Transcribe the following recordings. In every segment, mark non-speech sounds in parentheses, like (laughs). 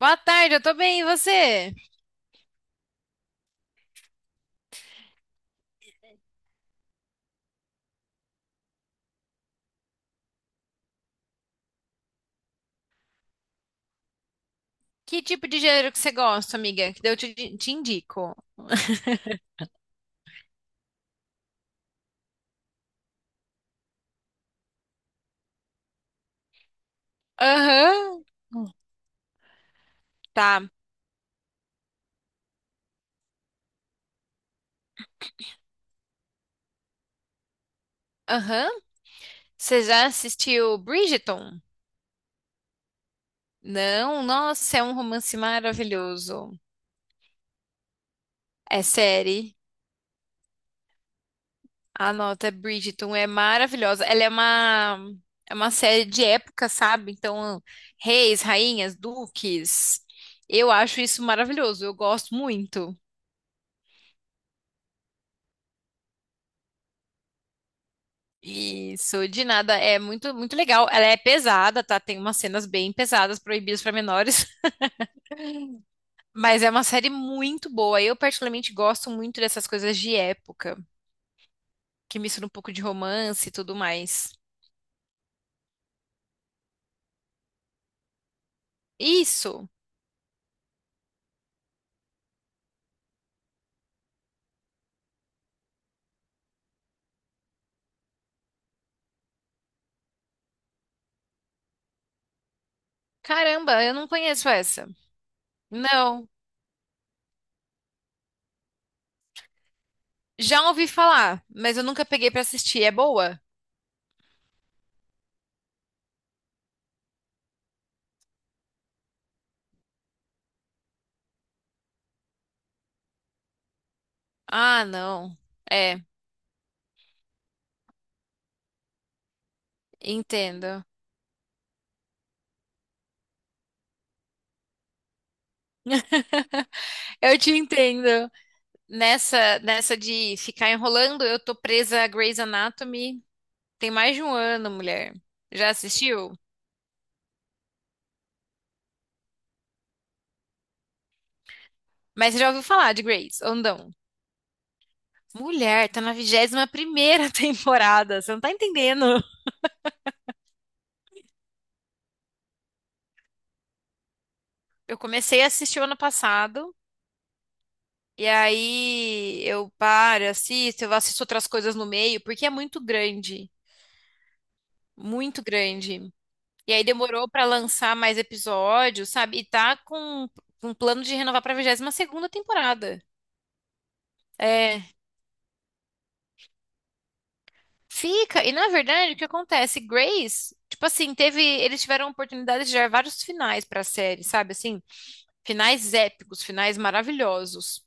Boa tarde, eu tô bem, e você? Que tipo de gênero que você gosta, amiga? Que daí eu te indico. Aham. Tá. Aham. Você já assistiu Bridgerton? Não? Nossa, é um romance maravilhoso. É série. Anota, Bridgerton é maravilhosa. Ela é uma série de época, sabe? Então, reis, rainhas, duques. Eu acho isso maravilhoso. Eu gosto muito. Isso, de nada, é muito muito legal. Ela é pesada, tá? Tem umas cenas bem pesadas, proibidas para menores, (laughs) mas é uma série muito boa. Eu particularmente gosto muito dessas coisas de época, que mistura um pouco de romance e tudo mais. Isso. Caramba, eu não conheço essa. Não. Já ouvi falar, mas eu nunca peguei pra assistir. É boa? Ah, não. É, entendo. Eu te entendo. Nessa de ficar enrolando, eu tô presa a Grey's Anatomy. Tem mais de um ano, mulher. Já assistiu? Mas você já ouviu falar de Grace, ou não? Mulher, tá na 21ª (laughs) temporada, você não tá entendendo. Eu comecei a assistir o ano passado, e aí eu paro, assisto, eu assisto outras coisas no meio, porque é muito grande, muito grande. E aí demorou pra lançar mais episódios, sabe? E tá com um plano de renovar pra 22ª temporada. É. Fica, e na verdade, o que acontece? Grace, tipo assim, teve, eles tiveram a oportunidade de gerar vários finais pra série, sabe? Assim, finais épicos, finais maravilhosos.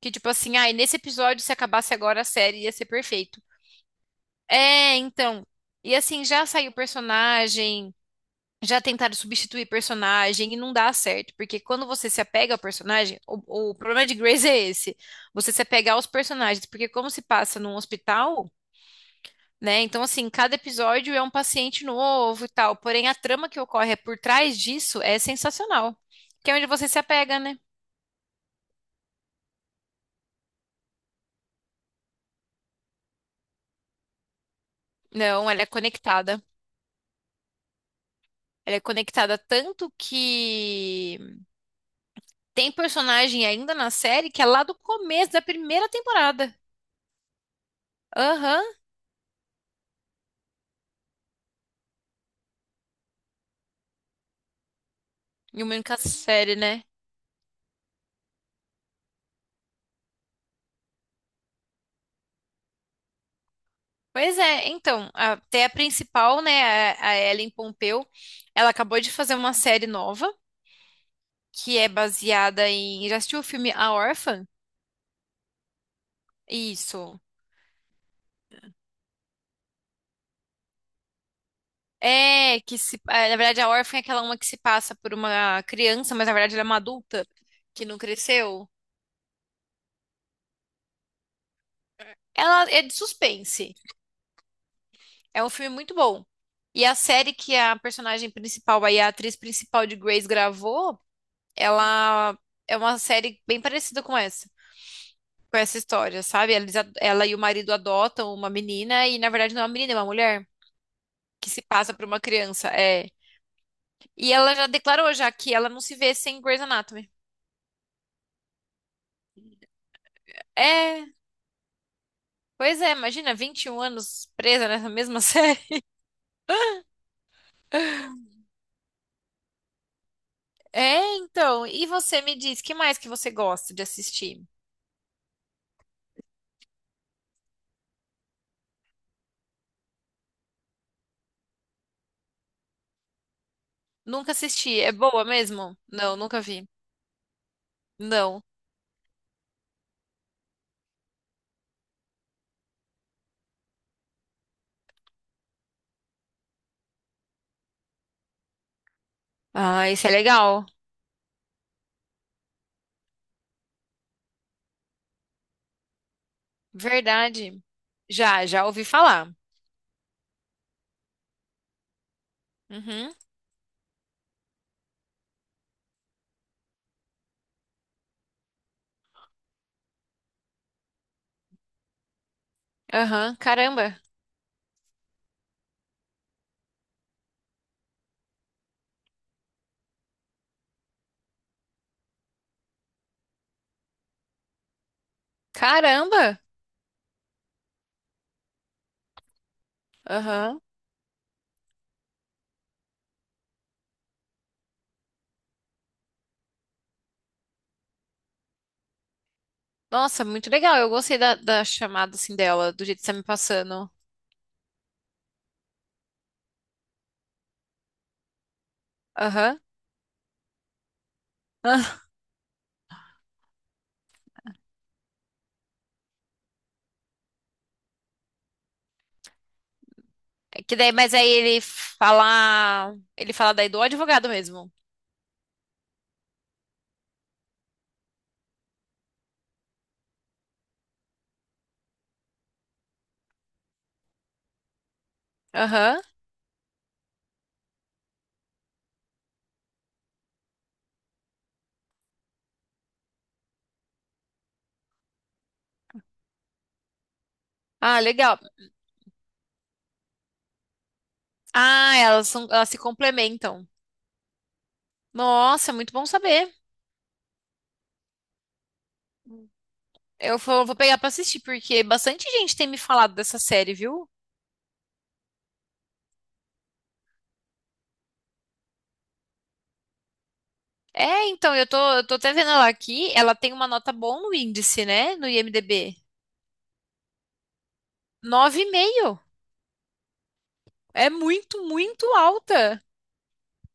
Que tipo assim, ai, nesse episódio, se acabasse agora a série, ia ser perfeito. É, então. E assim, já saiu personagem, já tentaram substituir personagem e não dá certo, porque quando você se apega ao personagem, o problema de Grace é esse. Você se apega aos personagens, porque como se passa num hospital, né? Então, assim, cada episódio é um paciente novo e tal. Porém, a trama que ocorre por trás disso é sensacional. Que é onde você se apega, né? Não, ela é conectada. Ela é conectada tanto que tem personagem ainda na série que é lá do começo da primeira temporada. Aham. E uma única série, né? Pois é, então, até a principal, né, a Ellen Pompeu, ela acabou de fazer uma série nova, que é baseada em. Já assistiu o filme A Órfã? Isso. É, na verdade a órfã é aquela uma que se passa por uma criança, mas na verdade ela é uma adulta que não cresceu. Ela é de suspense. É um filme muito bom. E a série que a personagem principal, aí a atriz principal de Grace gravou, ela é uma série bem parecida com essa história, sabe? Ela e o marido adotam uma menina e na verdade não é uma menina, é uma mulher que se passa por uma criança. É. E ela já declarou já que ela não se vê sem Grey's Anatomy. É. Pois é, imagina 21 anos presa nessa mesma (laughs) série. É, então, e você me diz, que mais que você gosta de assistir? Nunca assisti. É boa mesmo? Não, nunca vi. Não. Ah, isso é legal. Verdade. Já ouvi falar. Uhum. Aham, caramba. Caramba! Aham. Nossa, muito legal. Eu gostei da chamada assim dela, do jeito que você tá me passando. Aham. Ah, é. Que daí, mas aí ele fala daí do advogado mesmo. Aham. Ah, legal. Ah, elas são, elas se complementam. Nossa, é muito bom saber. Eu vou pegar pra assistir, porque bastante gente tem me falado dessa série, viu? É, então, eu tô até vendo ela aqui. Ela tem uma nota boa no índice, né? No IMDb. 9,5. É muito, muito alta.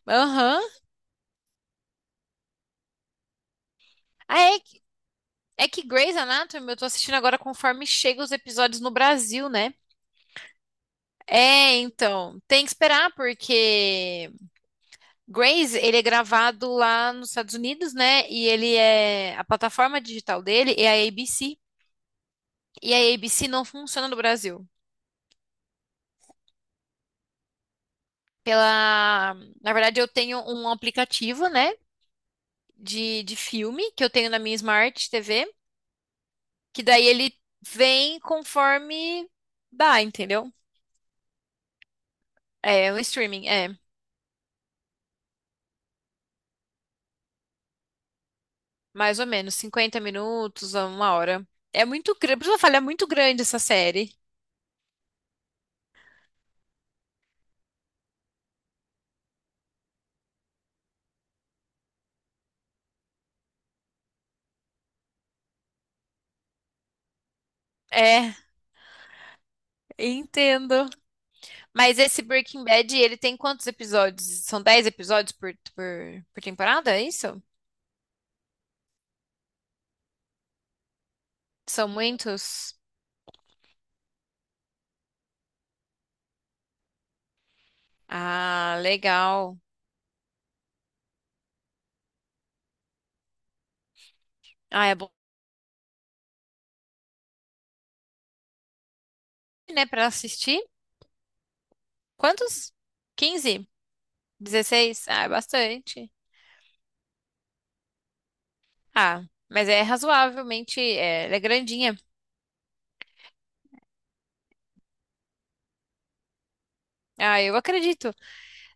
Aham. Ah, é, é que Grey's Anatomy eu tô assistindo agora conforme chegam os episódios no Brasil, né? É, então, tem que esperar, porque Graze, ele é gravado lá nos Estados Unidos, né? E ele é a plataforma digital dele é a ABC. E a ABC não funciona no Brasil. Pela, Na verdade, eu tenho um aplicativo, né, de filme que eu tenho na minha Smart TV, que daí ele vem conforme dá, entendeu? É o streaming, é, mais ou menos 50 minutos a uma hora. É muito grande, por isso que eu falei, é muito grande essa série. É, entendo. Mas esse Breaking Bad, ele tem quantos episódios? São 10 episódios por temporada, é isso? São muitos? Ah, legal. Ah, é bom, né, pra assistir? Quantos? 15? 16? Ah, é bastante. Ah, mas é razoavelmente, é, ela é grandinha. Ah, eu acredito.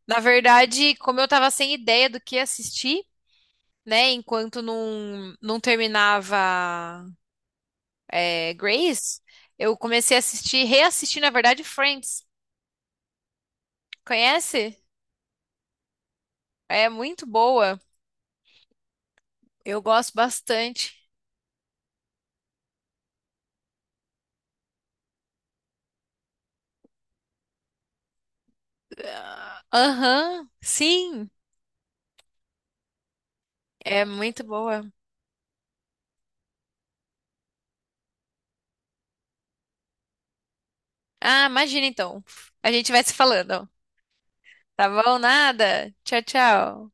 Na verdade, como eu tava sem ideia do que assistir, né, enquanto não terminava, é, Grace, eu comecei a assistir, reassistir, na verdade, Friends. Conhece? É muito boa. Eu gosto bastante. Ah, aham, sim, é muito boa. Ah, imagina então. A gente vai se falando. Tá bom? Nada. Tchau, tchau.